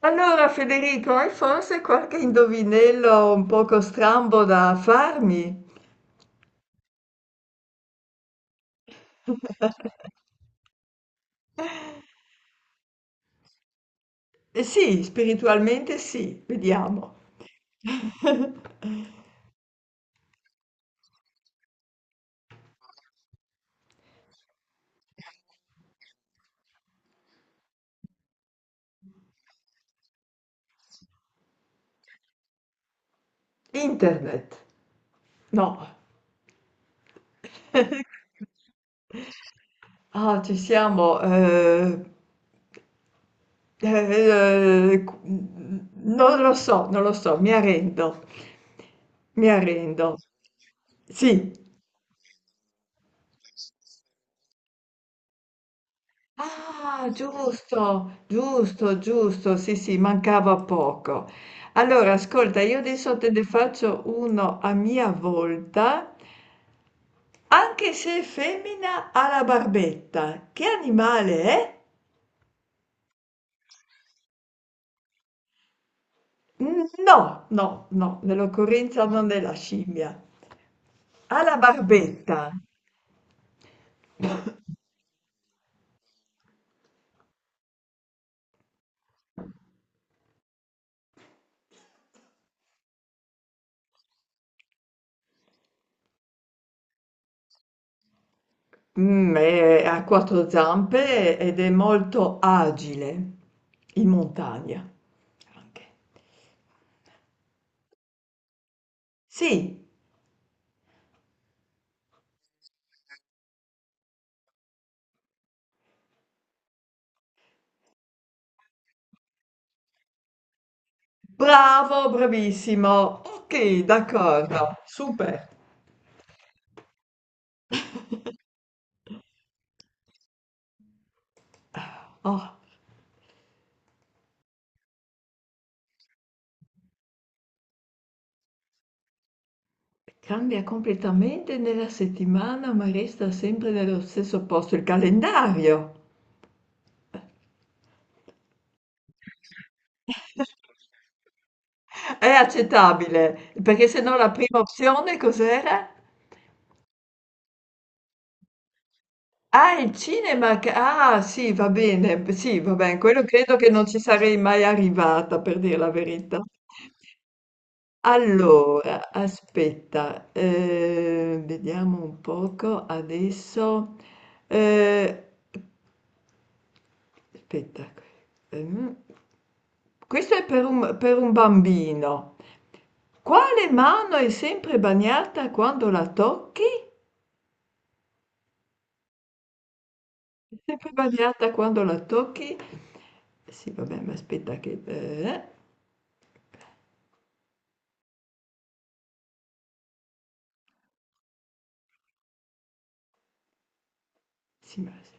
Allora, Federico, hai forse qualche indovinello un poco strambo da farmi? Eh sì, spiritualmente sì, vediamo. Internet. No. Ah, ci siamo. Eh, eh, qu- Non lo so, non lo so, mi arrendo. Mi arrendo. Sì. Ah, giusto, giusto, giusto, sì, sì, mancava poco. Allora, ascolta, io adesso te ne faccio uno a mia volta, anche se è femmina ha la barbetta. Che animale è? Mm, no, no, no, nell'occorrenza non è la scimmia. Ha la barbetta. Ha quattro zampe ed è molto agile in montagna. Anche. Sì. Bravo, bravissimo. Ok, d'accordo. Super. Oh, cambia completamente nella settimana, ma resta sempre nello stesso posto il calendario. È accettabile, perché se no la prima opzione cos'era? Ah, il cinema. Ah, sì, va bene. Sì, va bene. Quello credo che non ci sarei mai arrivata, per dire la verità. Allora, aspetta, vediamo un poco adesso. eh, Aspetta, ehm, questo è per un bambino. Quale mano è sempre bagnata quando la tocchi? È sempre bagnata quando la tocchi? Sì, vabbè, ma aspetta che... sì, ma se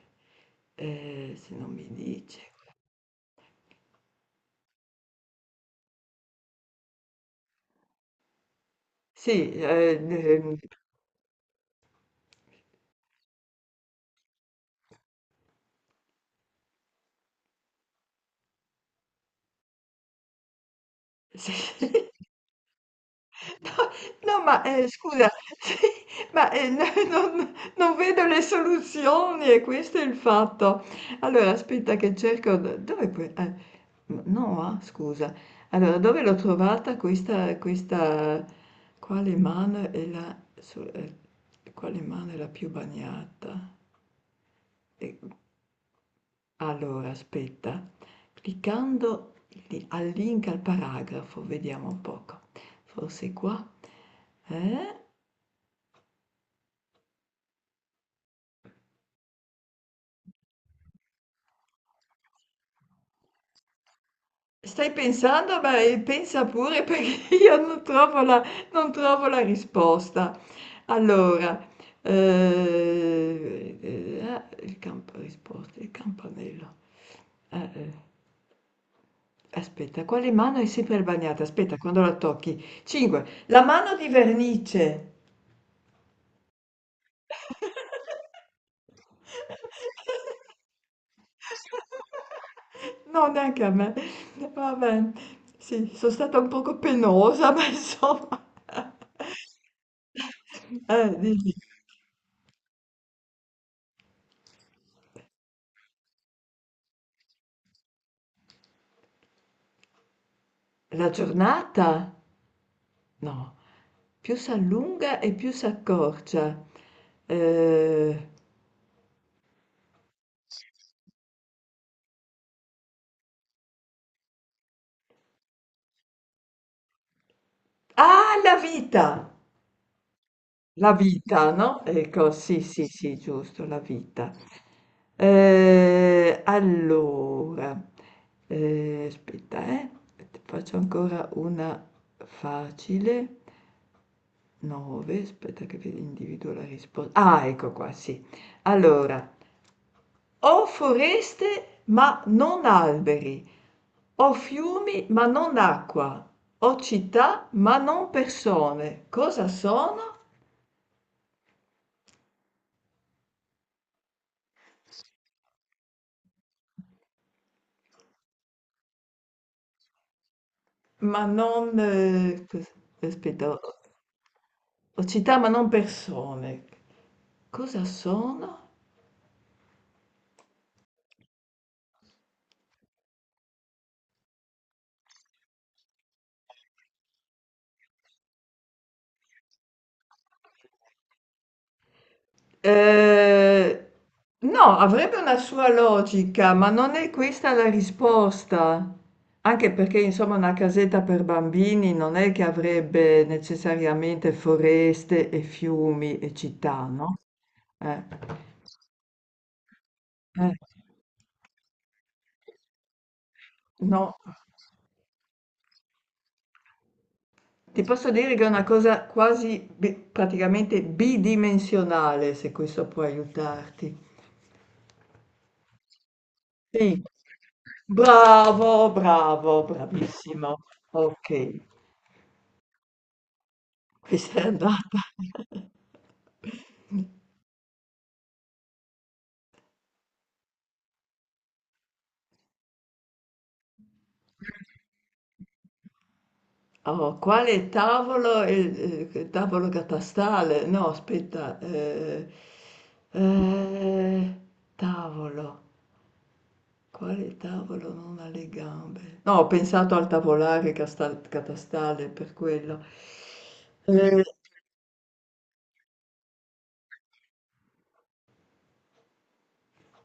se non mi dice. Sì, sì. No, ma, scusa, sì, ma, n non non vedo le soluzioni e questo è il fatto. Allora aspetta che cerco d dov'è que n Noa? Scusa. Allora, dove l'ho trovata questa questa quale mano è la su ehm, quale mano è la più bagnata? E allora aspetta, cliccando li al link al paragrafo, vediamo un poco. Forse qua? Eh? Stai pensando? Beh, pensa pure perché io non trovo non trovo la risposta. Allora, il campo risposte, il campanello. Eh, eh. Aspetta, quale mano è sempre bagnata? Aspetta, quando la tocchi. 5. La mano di vernice. No, neanche a me. Vabbè, sì, sono stata un poco penosa, ma insomma. Dici, la giornata? No, più si allunga e più si accorcia. Eh, Ah, la vita! La vita, no? Ecco, sì, sì, sì, giusto, la vita. Allora, aspetta, ti faccio ancora una facile. 9, aspetta che individuo la risposta. Ah, ecco qua, sì. Allora, ho foreste ma non alberi, ho fiumi ma non acqua, ho città ma non persone. Cosa sono? Ma non... aspetta, ho città ma non persone. Cosa sono? Eh, no, avrebbe una sua logica, ma non è questa la risposta. Anche perché, insomma, una casetta per bambini non è che avrebbe necessariamente foreste e fiumi e città, no? Eh, eh, no. Ti posso dire che è una cosa quasi praticamente bidimensionale, se questo può aiutarti. Sì, bravo, bravo, bravissimo. Ok, qui sei andata. Oh, quale tavolo? È il, tavolo catastale? No, aspetta. Eh, Tavolo. Quale tavolo non ha le gambe? No, ho pensato al tavolare catastale per quello. Eh,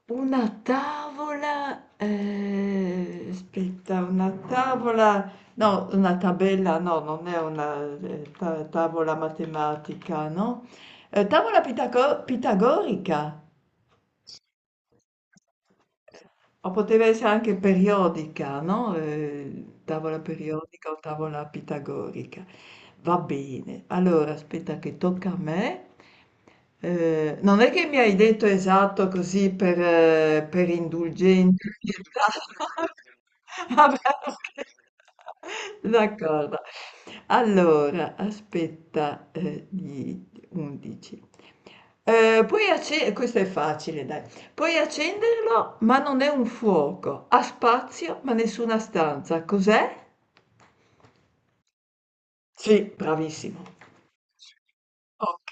una tavola, aspetta, una tavola, no, una tabella, no, non è una tavola matematica, no? Tavola pitagorica. O poteva essere anche periodica, no? Tavola periodica o tavola pitagorica. Va bene, allora aspetta che tocca a me. Non è che mi hai detto esatto così per indulgente pietà. Vabbè, ok. D'accordo. Allora, aspetta, gli 11. Questo è facile, dai. Puoi accenderlo, ma non è un fuoco. Ha spazio, ma nessuna stanza. Cos'è? Sì, bravissimo. Ok.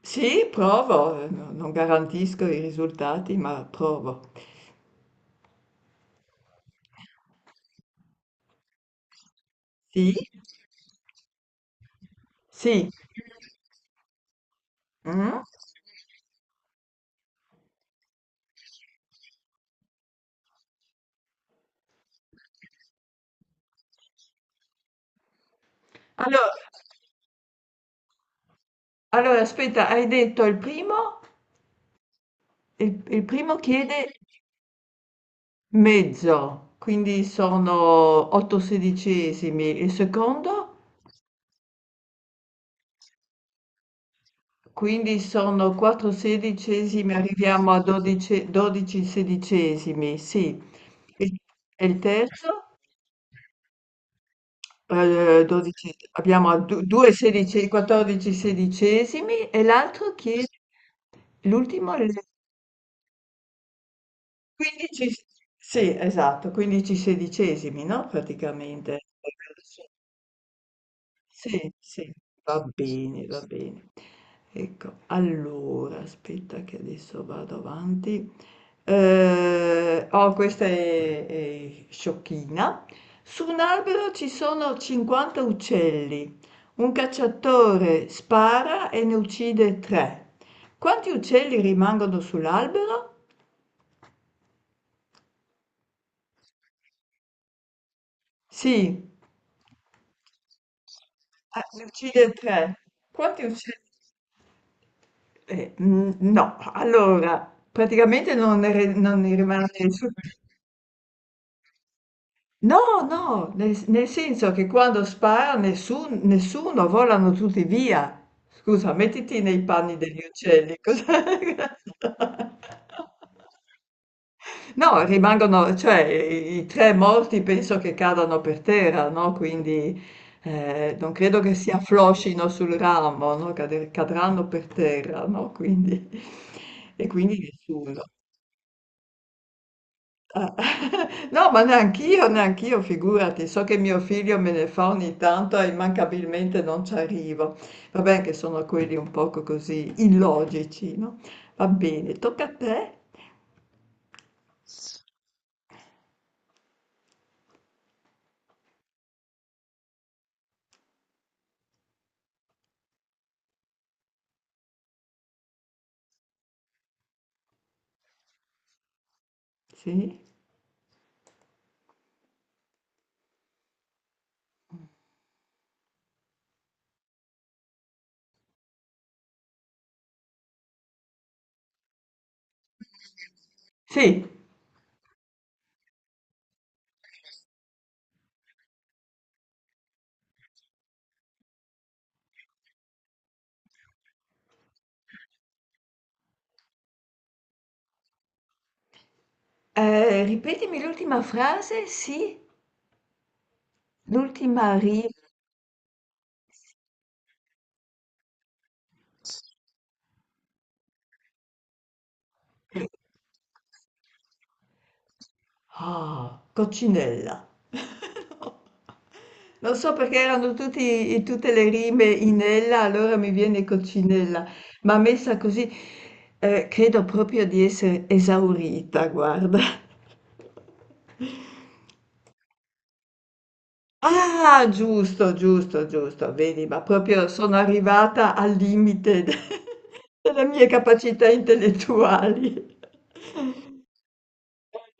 Sì, provo. Non garantisco i risultati, ma provo. Sì? Sì. Mm? Allora, allora, aspetta, hai detto il primo? Il primo chiede mezzo, quindi sono 8 sedicesimi. Il secondo? Quindi sono 4 sedicesimi, arriviamo a 12, 12 sedicesimi, sì. E, e il terzo? 12 abbiamo a 14 sedicesimi e l'altro chiede, l'ultimo, è il 15, sì, esatto, 15 sedicesimi, no? Praticamente. Sì, sì, va bene, va bene. Ecco, allora, aspetta che adesso vado avanti. Oh, questa è sciocchina. Su un albero ci sono 50 uccelli. Un cacciatore spara e ne uccide tre. Quanti uccelli rimangono sull'albero? Sì, ah, ne uccide tre. Quanti uccelli? Mhmm, no, allora praticamente non ne rimane nessuno. No, no, nel senso che quando spara nessuno, volano tutti via. Scusa, mettiti nei panni degli uccelli, cosa. No, rimangono cioè i 3 morti penso che cadano per terra, no, quindi, non credo che si affloscino sul ramo, no, cade cadranno per terra, no, quindi e quindi nessuno. No, ma neanch'io, neanch'io, figurati. So che mio figlio me ne fa ogni tanto e immancabilmente non ci arrivo. Va bene che sono quelli un poco così illogici, no? Va bene, tocca a te. Sì? Sì. Ripetimi l'ultima frase, sì? L'ultima riga. Ah, coccinella. Lo so perché erano tutti, tutte le rime in ella, allora mi viene Coccinella, ma messa così, credo proprio di essere esaurita, guarda. Ah, giusto, giusto, giusto, vedi, ma proprio sono arrivata al limite delle mie capacità intellettuali.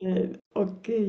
Ok.